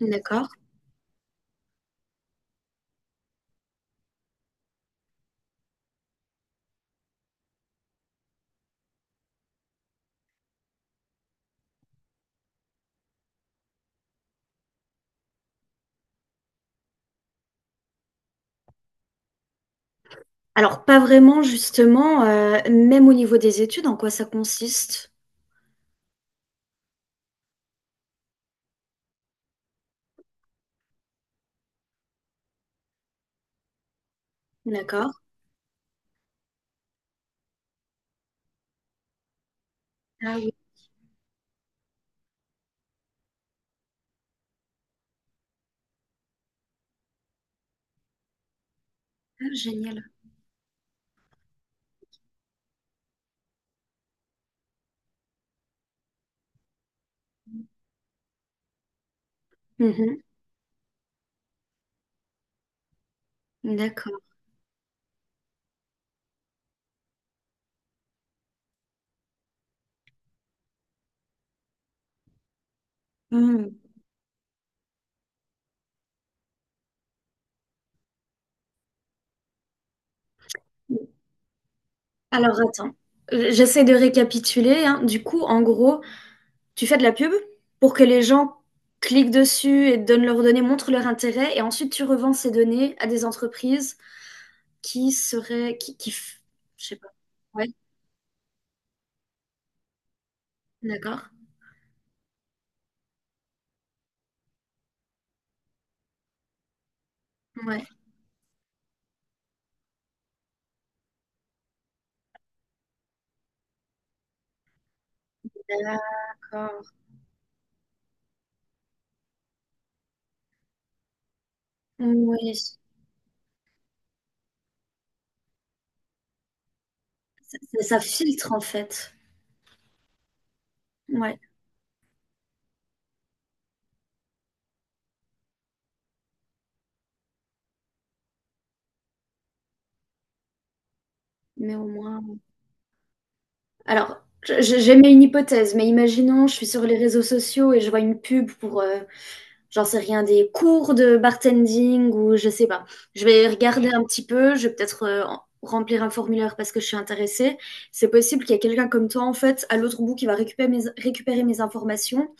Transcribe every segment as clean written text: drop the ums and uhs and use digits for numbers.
D'accord. Alors, pas vraiment justement, même au niveau des études, en quoi ça consiste? D'accord. Ah oui. Ah génial. Mmh. D'accord. Mmh. Mmh. Alors attends, j'essaie de récapituler, hein. Du coup, en gros, tu fais de la pub pour que les gens cliquent dessus et donnent leurs données, montrent leur intérêt et ensuite tu revends ces données à des entreprises qui seraient qui f je sais pas. Ouais, d'accord. Ouais. D'accord. Oui. Ça filtre en fait. Ouais. Mais au moins. Alors, j'aimais une hypothèse, mais imaginons, je suis sur les réseaux sociaux et je vois une pub pour, j'en sais rien, des cours de bartending ou je sais pas. Je vais regarder un petit peu, je vais peut-être remplir un formulaire parce que je suis intéressée. C'est possible qu'il y ait quelqu'un comme toi, en fait, à l'autre bout qui va récupérer mes informations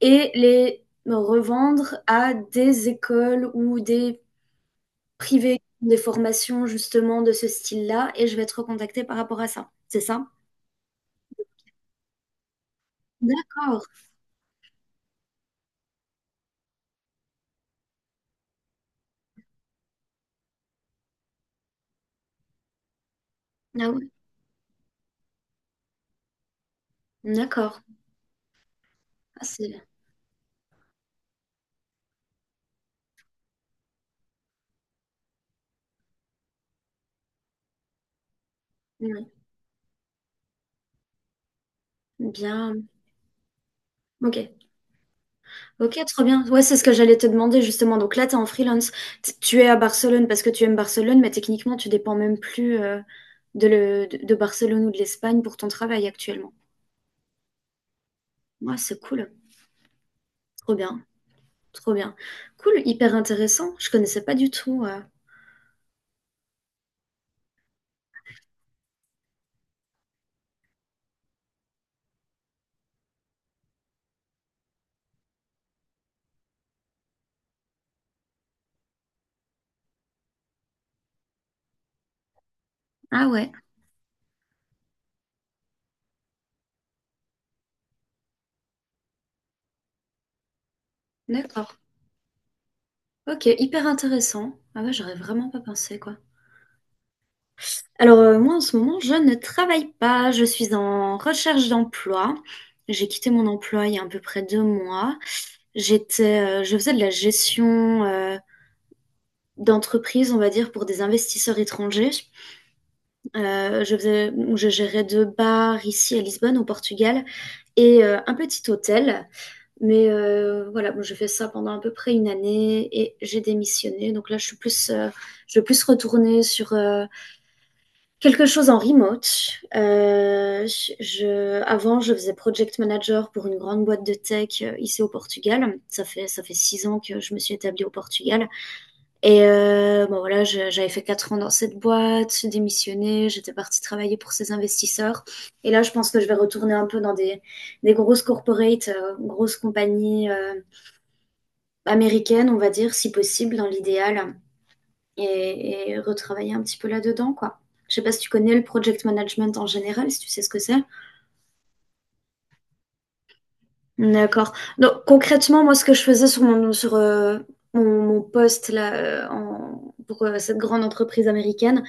et les revendre à des écoles ou des privés, des formations justement de ce style-là et je vais être recontactée par rapport à ça. C'est ça? D'accord. Ah ouais, d'accord. Ah, c'est ouais, bien. Ok, ok, trop bien. Ouais, c'est ce que j'allais te demander justement. Donc là, tu es en freelance. Tu es à Barcelone parce que tu aimes Barcelone, mais techniquement, tu dépends même plus de Barcelone ou de l'Espagne pour ton travail actuellement. Ouais, c'est cool. Trop bien, trop bien. Cool, hyper intéressant. Je connaissais pas du tout. Ah ouais, d'accord. Ok, hyper intéressant. Ah ouais, j'aurais vraiment pas pensé, quoi. Alors, moi, en ce moment, je ne travaille pas. Je suis en recherche d'emploi. J'ai quitté mon emploi il y a à peu près 2 mois. Je faisais de la gestion, d'entreprise, on va dire, pour des investisseurs étrangers. Je gérais deux bars ici à Lisbonne, au Portugal, et un petit hôtel. Mais voilà, bon, j'ai fait ça pendant à peu près une année et j'ai démissionné. Donc là, je vais plus retourner sur, quelque chose en remote. Je faisais project manager pour une grande boîte de tech ici au Portugal. Ça fait 6 ans que je me suis établie au Portugal. Et bon voilà, j'avais fait 4 ans dans cette boîte, j'ai démissionné, j'étais partie travailler pour ces investisseurs. Et là, je pense que je vais retourner un peu dans des grosses corporates, grosses compagnies américaines, on va dire, si possible, dans l'idéal et retravailler un petit peu là-dedans, quoi. Je sais pas si tu connais le project management en général, si tu sais ce que c'est. D'accord. Donc concrètement, moi, ce que je faisais sur mon poste là, pour cette grande entreprise américaine,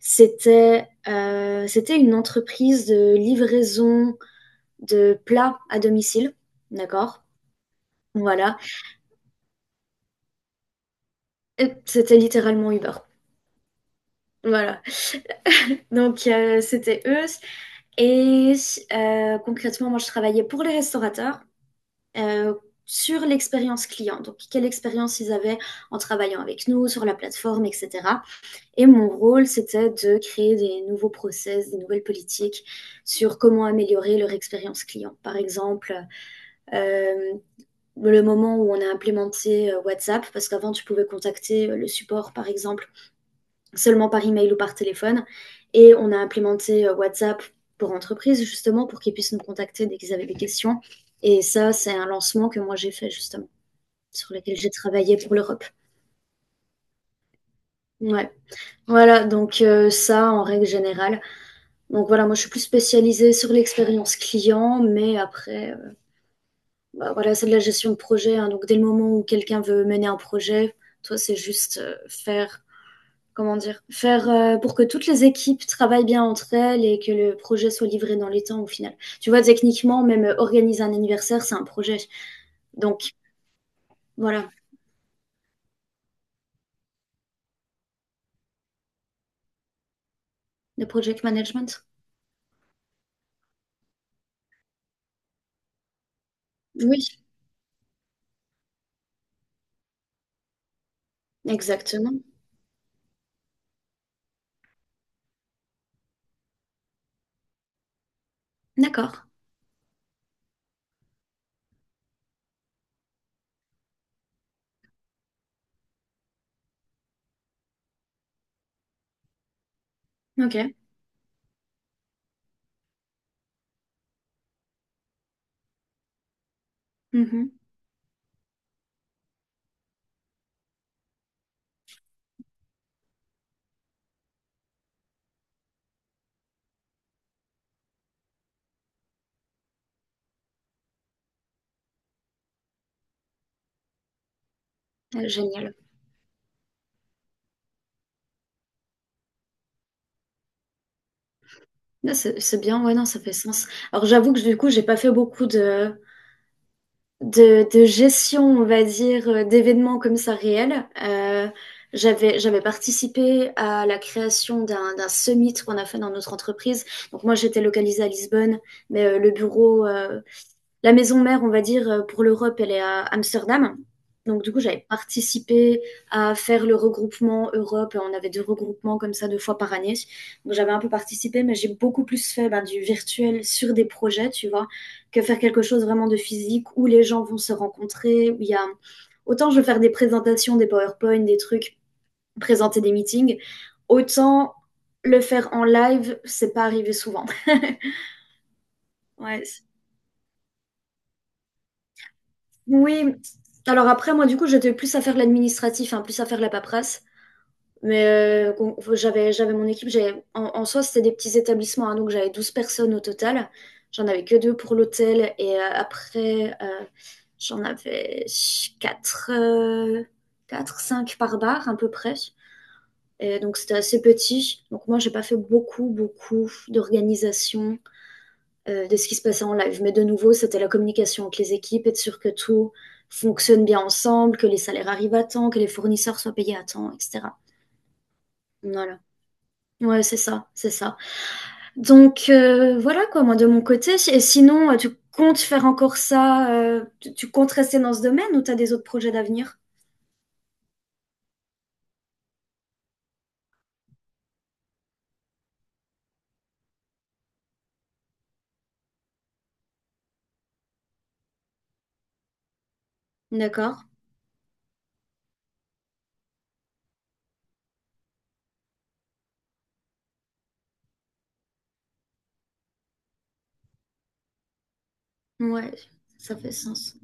c'était une entreprise de livraison de plats à domicile. D'accord. Voilà. Et c'était littéralement Uber. Voilà. Donc c'était eux. Et concrètement, moi, je travaillais pour les restaurateurs. euh, sur l'expérience client. Donc, quelle expérience ils avaient en travaillant avec nous, sur la plateforme, etc. Et mon rôle, c'était de créer des nouveaux process, des nouvelles politiques sur comment améliorer leur expérience client. Par exemple, euh, le moment où on a implémenté WhatsApp, parce qu'avant, tu pouvais contacter le support, par exemple, seulement par email ou par téléphone. Et on a implémenté WhatsApp pour entreprise, justement, pour qu'ils puissent nous contacter dès qu'ils avaient des questions. Et ça, c'est un lancement que moi, j'ai fait, justement sur lesquels j'ai travaillé pour l'Europe. Ouais. Voilà, donc ça en règle générale. Donc voilà, moi je suis plus spécialisée sur l'expérience client, mais après, bah, voilà, c'est de la gestion de projet, hein. Donc dès le moment où quelqu'un veut mener un projet, toi c'est juste faire, comment dire, faire pour que toutes les équipes travaillent bien entre elles et que le projet soit livré dans les temps au final. Tu vois, techniquement, même organiser un anniversaire, c'est un projet. Donc voilà, le project management. Oui, exactement. D'accord. Ok. Mhm. Ah, génial. Ah, c'est bien, ouais, non, ça fait sens. Alors j'avoue que du coup, j'ai pas fait beaucoup de gestion, on va dire, d'événements comme ça réels. J'avais participé à la création d'un summit qu'on a fait dans notre entreprise. Donc moi, j'étais localisée à Lisbonne, mais le bureau, la maison mère, on va dire, pour l'Europe, elle est à Amsterdam. Donc, du coup, j'avais participé à faire le regroupement Europe. On avait deux regroupements comme ça deux fois par année. Donc, j'avais un peu participé, mais j'ai beaucoup plus fait ben, du virtuel sur des projets, tu vois, que faire quelque chose vraiment de physique où les gens vont se rencontrer, où il y a. Autant je veux faire des présentations, des PowerPoint, des trucs, présenter des meetings, autant le faire en live, c'est pas arrivé souvent. Ouais, oui, alors après, moi, du coup, j'étais plus à faire l'administratif, hein, plus à faire la paperasse. Mais j'avais mon équipe, en soi, c'était des petits établissements, hein, donc j'avais 12 personnes au total. J'en avais que deux pour l'hôtel et après, j'en avais 4, 4, 5 par bar à peu près. Et donc c'était assez petit. Donc moi, j'ai pas fait beaucoup, beaucoup d'organisation de ce qui se passait en live. Mais de nouveau, c'était la communication avec les équipes, être sûr que tout fonctionne bien ensemble, que les salaires arrivent à temps, que les fournisseurs soient payés à temps, etc. Voilà. Ouais, c'est ça, c'est ça. Donc voilà quoi, moi de mon côté. Et sinon, tu comptes faire encore ça tu comptes rester dans ce domaine ou tu as des autres projets d'avenir? D'accord. Ouais, ça fait sens.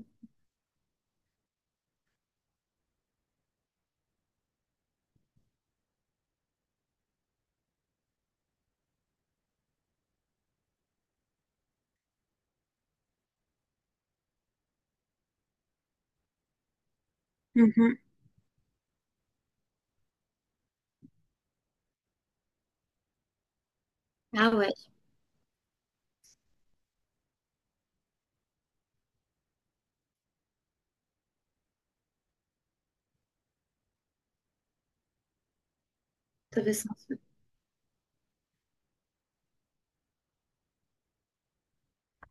Mhm. Ah ouais, ça fait sens.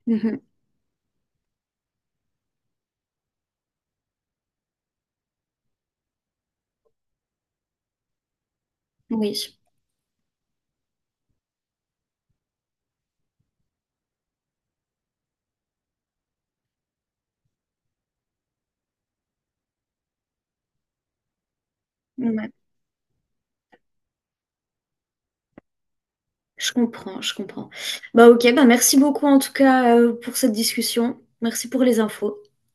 Mhm. Oui, ouais. Je comprends, je comprends. Bah ok, bah merci beaucoup en tout cas pour cette discussion. Merci pour les infos.